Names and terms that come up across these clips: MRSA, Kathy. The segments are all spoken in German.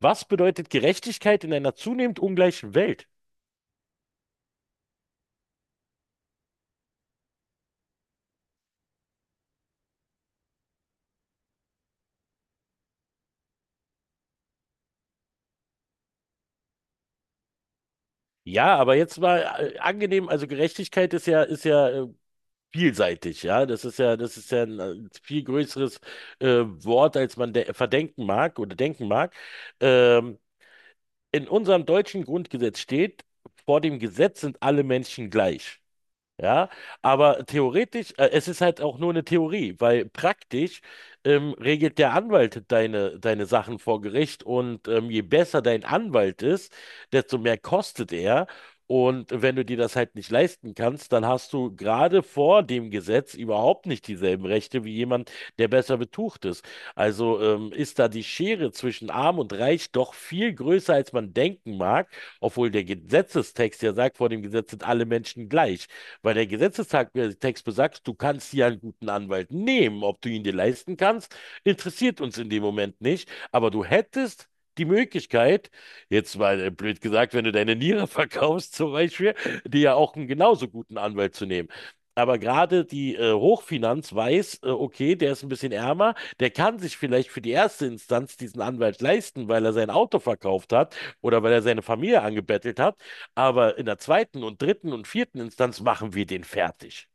Was bedeutet Gerechtigkeit in einer zunehmend ungleichen Welt? Ja, aber jetzt mal angenehm, also Gerechtigkeit ist ja vielseitig, ja. Das ist ja, das ist ja ein viel größeres äh, Wort, als man de verdenken mag oder denken mag. Ähm, in unserem deutschen Grundgesetz steht, vor dem Gesetz sind alle Menschen gleich. Ja, aber theoretisch, es ist halt auch nur eine Theorie, weil praktisch regelt der Anwalt deine Sachen vor Gericht und je besser dein Anwalt ist, desto mehr kostet er. Und wenn du dir das halt nicht leisten kannst, dann hast du gerade vor dem Gesetz überhaupt nicht dieselben Rechte wie jemand, der besser betucht ist. Also ist da die Schere zwischen Arm und Reich doch viel größer, als man denken mag, obwohl der Gesetzestext ja sagt, vor dem Gesetz sind alle Menschen gleich. Weil der Gesetzestext besagt, du kannst dir einen guten Anwalt nehmen. Ob du ihn dir leisten kannst, interessiert uns in dem Moment nicht. Aber du hättest die Möglichkeit, jetzt mal blöd gesagt, wenn du deine Niere verkaufst zum Beispiel, dir ja auch einen genauso guten Anwalt zu nehmen. Aber gerade die Hochfinanz weiß, okay, der ist ein bisschen ärmer, der kann sich vielleicht für die erste Instanz diesen Anwalt leisten, weil er sein Auto verkauft hat oder weil er seine Familie angebettelt hat. Aber in der zweiten und dritten und vierten Instanz machen wir den fertig.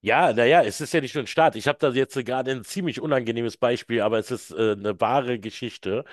Ja, naja, es ist ja nicht nur ein Staat. Ich habe da jetzt gerade ein ziemlich unangenehmes Beispiel, aber es ist eine wahre Geschichte.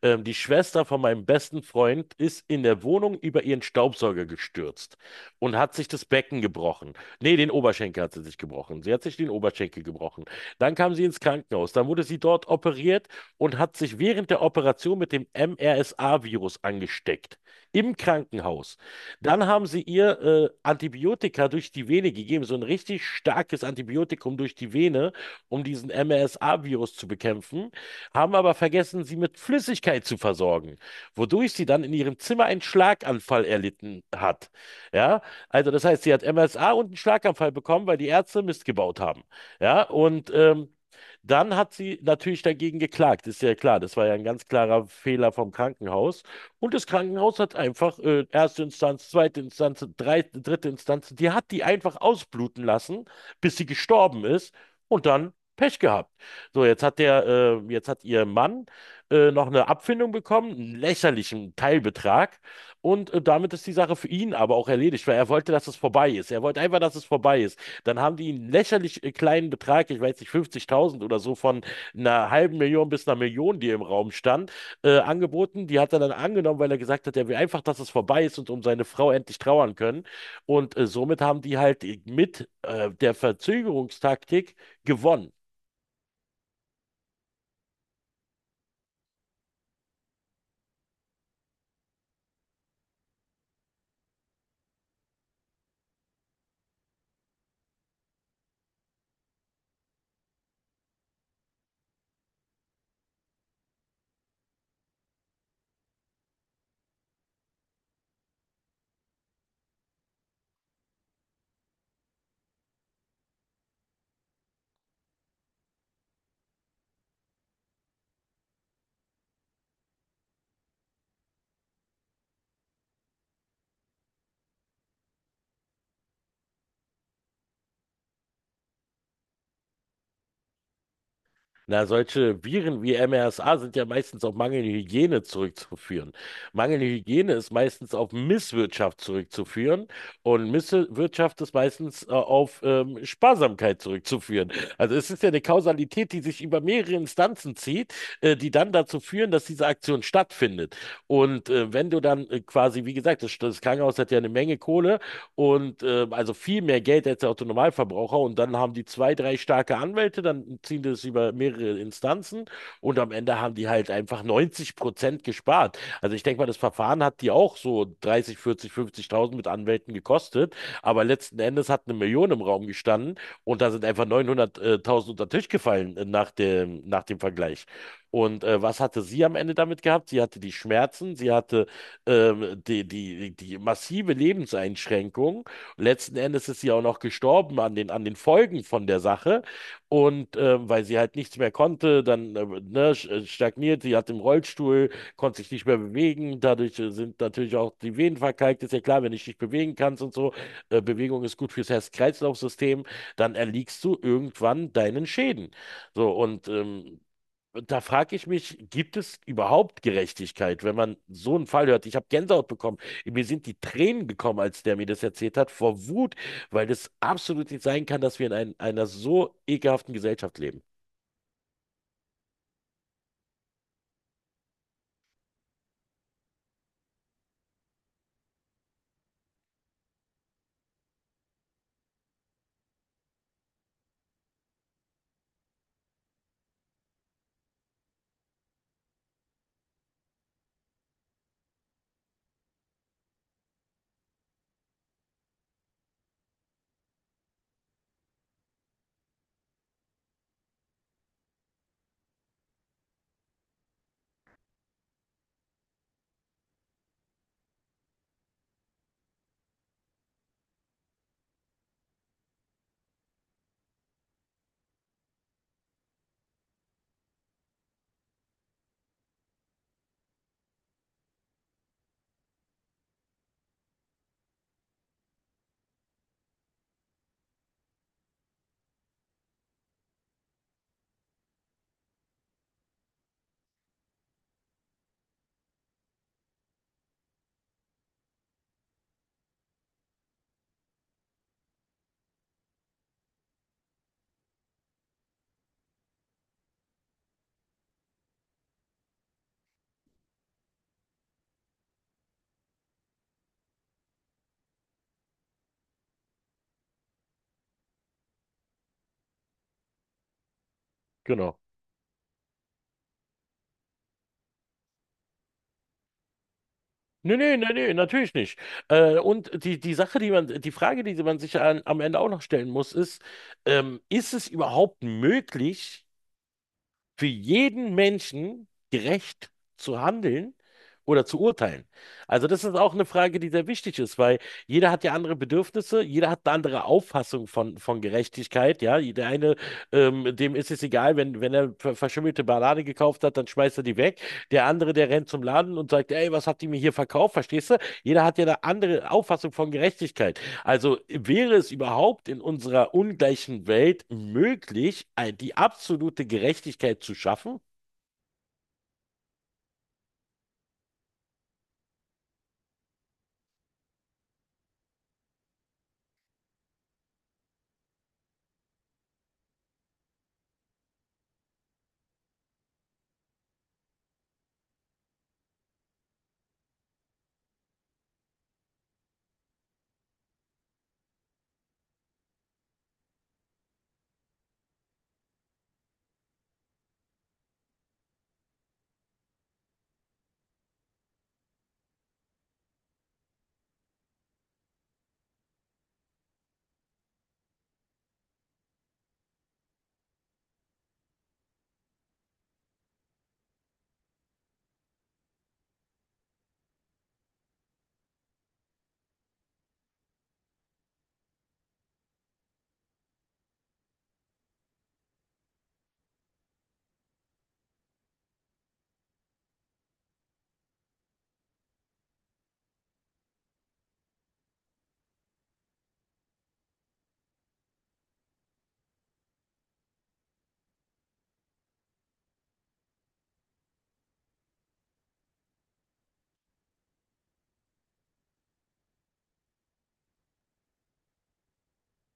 Die Schwester von meinem besten Freund ist in der Wohnung über ihren Staubsauger gestürzt und hat sich das Becken gebrochen. Nee, den Oberschenkel hat sie sich gebrochen. Sie hat sich den Oberschenkel gebrochen. Dann kam sie ins Krankenhaus. Dann wurde sie dort operiert und hat sich während der Operation mit dem MRSA-Virus angesteckt. Im Krankenhaus. Dann haben sie ihr Antibiotika durch die Vene gegeben, so ein richtig starkes Antibiotikum durch die Vene, um diesen MRSA-Virus zu bekämpfen, haben aber vergessen, sie mit Flüssigkeit zu versorgen, wodurch sie dann in ihrem Zimmer einen Schlaganfall erlitten hat. Ja, also das heißt, sie hat MSA und einen Schlaganfall bekommen, weil die Ärzte Mist gebaut haben. Ja, und dann hat sie natürlich dagegen geklagt, ist ja klar. Das war ja ein ganz klarer Fehler vom Krankenhaus. Und das Krankenhaus hat einfach erste Instanz, zweite Instanz, dritte Instanz, die hat die einfach ausbluten lassen, bis sie gestorben ist und dann Pech gehabt. So, jetzt hat jetzt hat ihr Mann noch eine Abfindung bekommen, einen lächerlichen Teilbetrag. Und damit ist die Sache für ihn aber auch erledigt, weil er wollte, dass es vorbei ist. Er wollte einfach, dass es vorbei ist. Dann haben die einen lächerlich kleinen Betrag, ich weiß nicht, 50.000 oder so, von einer halben Million bis einer Million, die im Raum stand, angeboten. Die hat er dann angenommen, weil er gesagt hat, er will einfach, dass es vorbei ist und um seine Frau endlich trauern können. Und somit haben die halt mit der Verzögerungstaktik gewonnen. Na, solche Viren wie MRSA sind ja meistens auf mangelnde Hygiene zurückzuführen. Mangelnde Hygiene ist meistens auf Misswirtschaft zurückzuführen und Misswirtschaft ist meistens auf Sparsamkeit zurückzuführen. Also es ist ja eine Kausalität, die sich über mehrere Instanzen zieht, die dann dazu führen, dass diese Aktion stattfindet. Und wenn du dann quasi, wie gesagt, das Krankenhaus hat ja eine Menge Kohle, und also viel mehr Geld als der Autonormalverbraucher. Und dann haben die zwei, drei starke Anwälte, dann ziehen das über mehrere Instanzen und am Ende haben die halt einfach 90% gespart. Also ich denke mal, das Verfahren hat die auch so 30, 40, 50.000 mit Anwälten gekostet. Aber letzten Endes hat eine Million im Raum gestanden und da sind einfach 900.000 unter den Tisch gefallen nach nach dem Vergleich. Und was hatte sie am Ende damit gehabt? Sie hatte die Schmerzen, sie hatte die massive Lebenseinschränkung. Letzten Endes ist sie auch noch gestorben an an den Folgen von der Sache. Und weil sie halt nichts mehr konnte, dann ne, stagniert, sie hat im Rollstuhl, konnte sich nicht mehr bewegen. Dadurch sind natürlich auch die Venen verkalkt. Ist ja klar, wenn du dich nicht bewegen kannst und so, Bewegung ist gut fürs Herz-Kreislauf-System, dann erliegst du irgendwann deinen Schäden. So, und da frage ich mich, gibt es überhaupt Gerechtigkeit, wenn man so einen Fall hört? Ich habe Gänsehaut bekommen. Mir sind die Tränen gekommen, als der mir das erzählt hat, vor Wut, weil das absolut nicht sein kann, dass wir in einer so ekelhaften Gesellschaft leben. Genau. Nee, nee, nee, nee, natürlich nicht. Und die Sache, die man, die Frage, die man sich am Ende auch noch stellen muss, ist, ist es überhaupt möglich, für jeden Menschen gerecht zu handeln oder zu urteilen. Also das ist auch eine Frage, die sehr wichtig ist, weil jeder hat ja andere Bedürfnisse, jeder hat eine andere Auffassung von Gerechtigkeit. Ja, der eine, dem ist es egal, wenn, wenn er verschimmelte Banane gekauft hat, dann schmeißt er die weg. Der andere, der rennt zum Laden und sagt, ey, was habt ihr mir hier verkauft? Verstehst du? Jeder hat ja eine andere Auffassung von Gerechtigkeit. Also wäre es überhaupt in unserer ungleichen Welt möglich, die absolute Gerechtigkeit zu schaffen?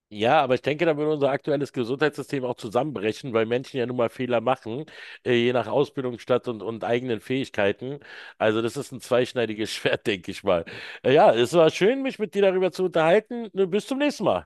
Ja, aber ich denke, da würde unser aktuelles Gesundheitssystem auch zusammenbrechen, weil Menschen ja nun mal Fehler machen, je nach Ausbildungsstand und eigenen Fähigkeiten. Also das ist ein zweischneidiges Schwert, denke ich mal. Ja, es war schön, mich mit dir darüber zu unterhalten. Bis zum nächsten Mal.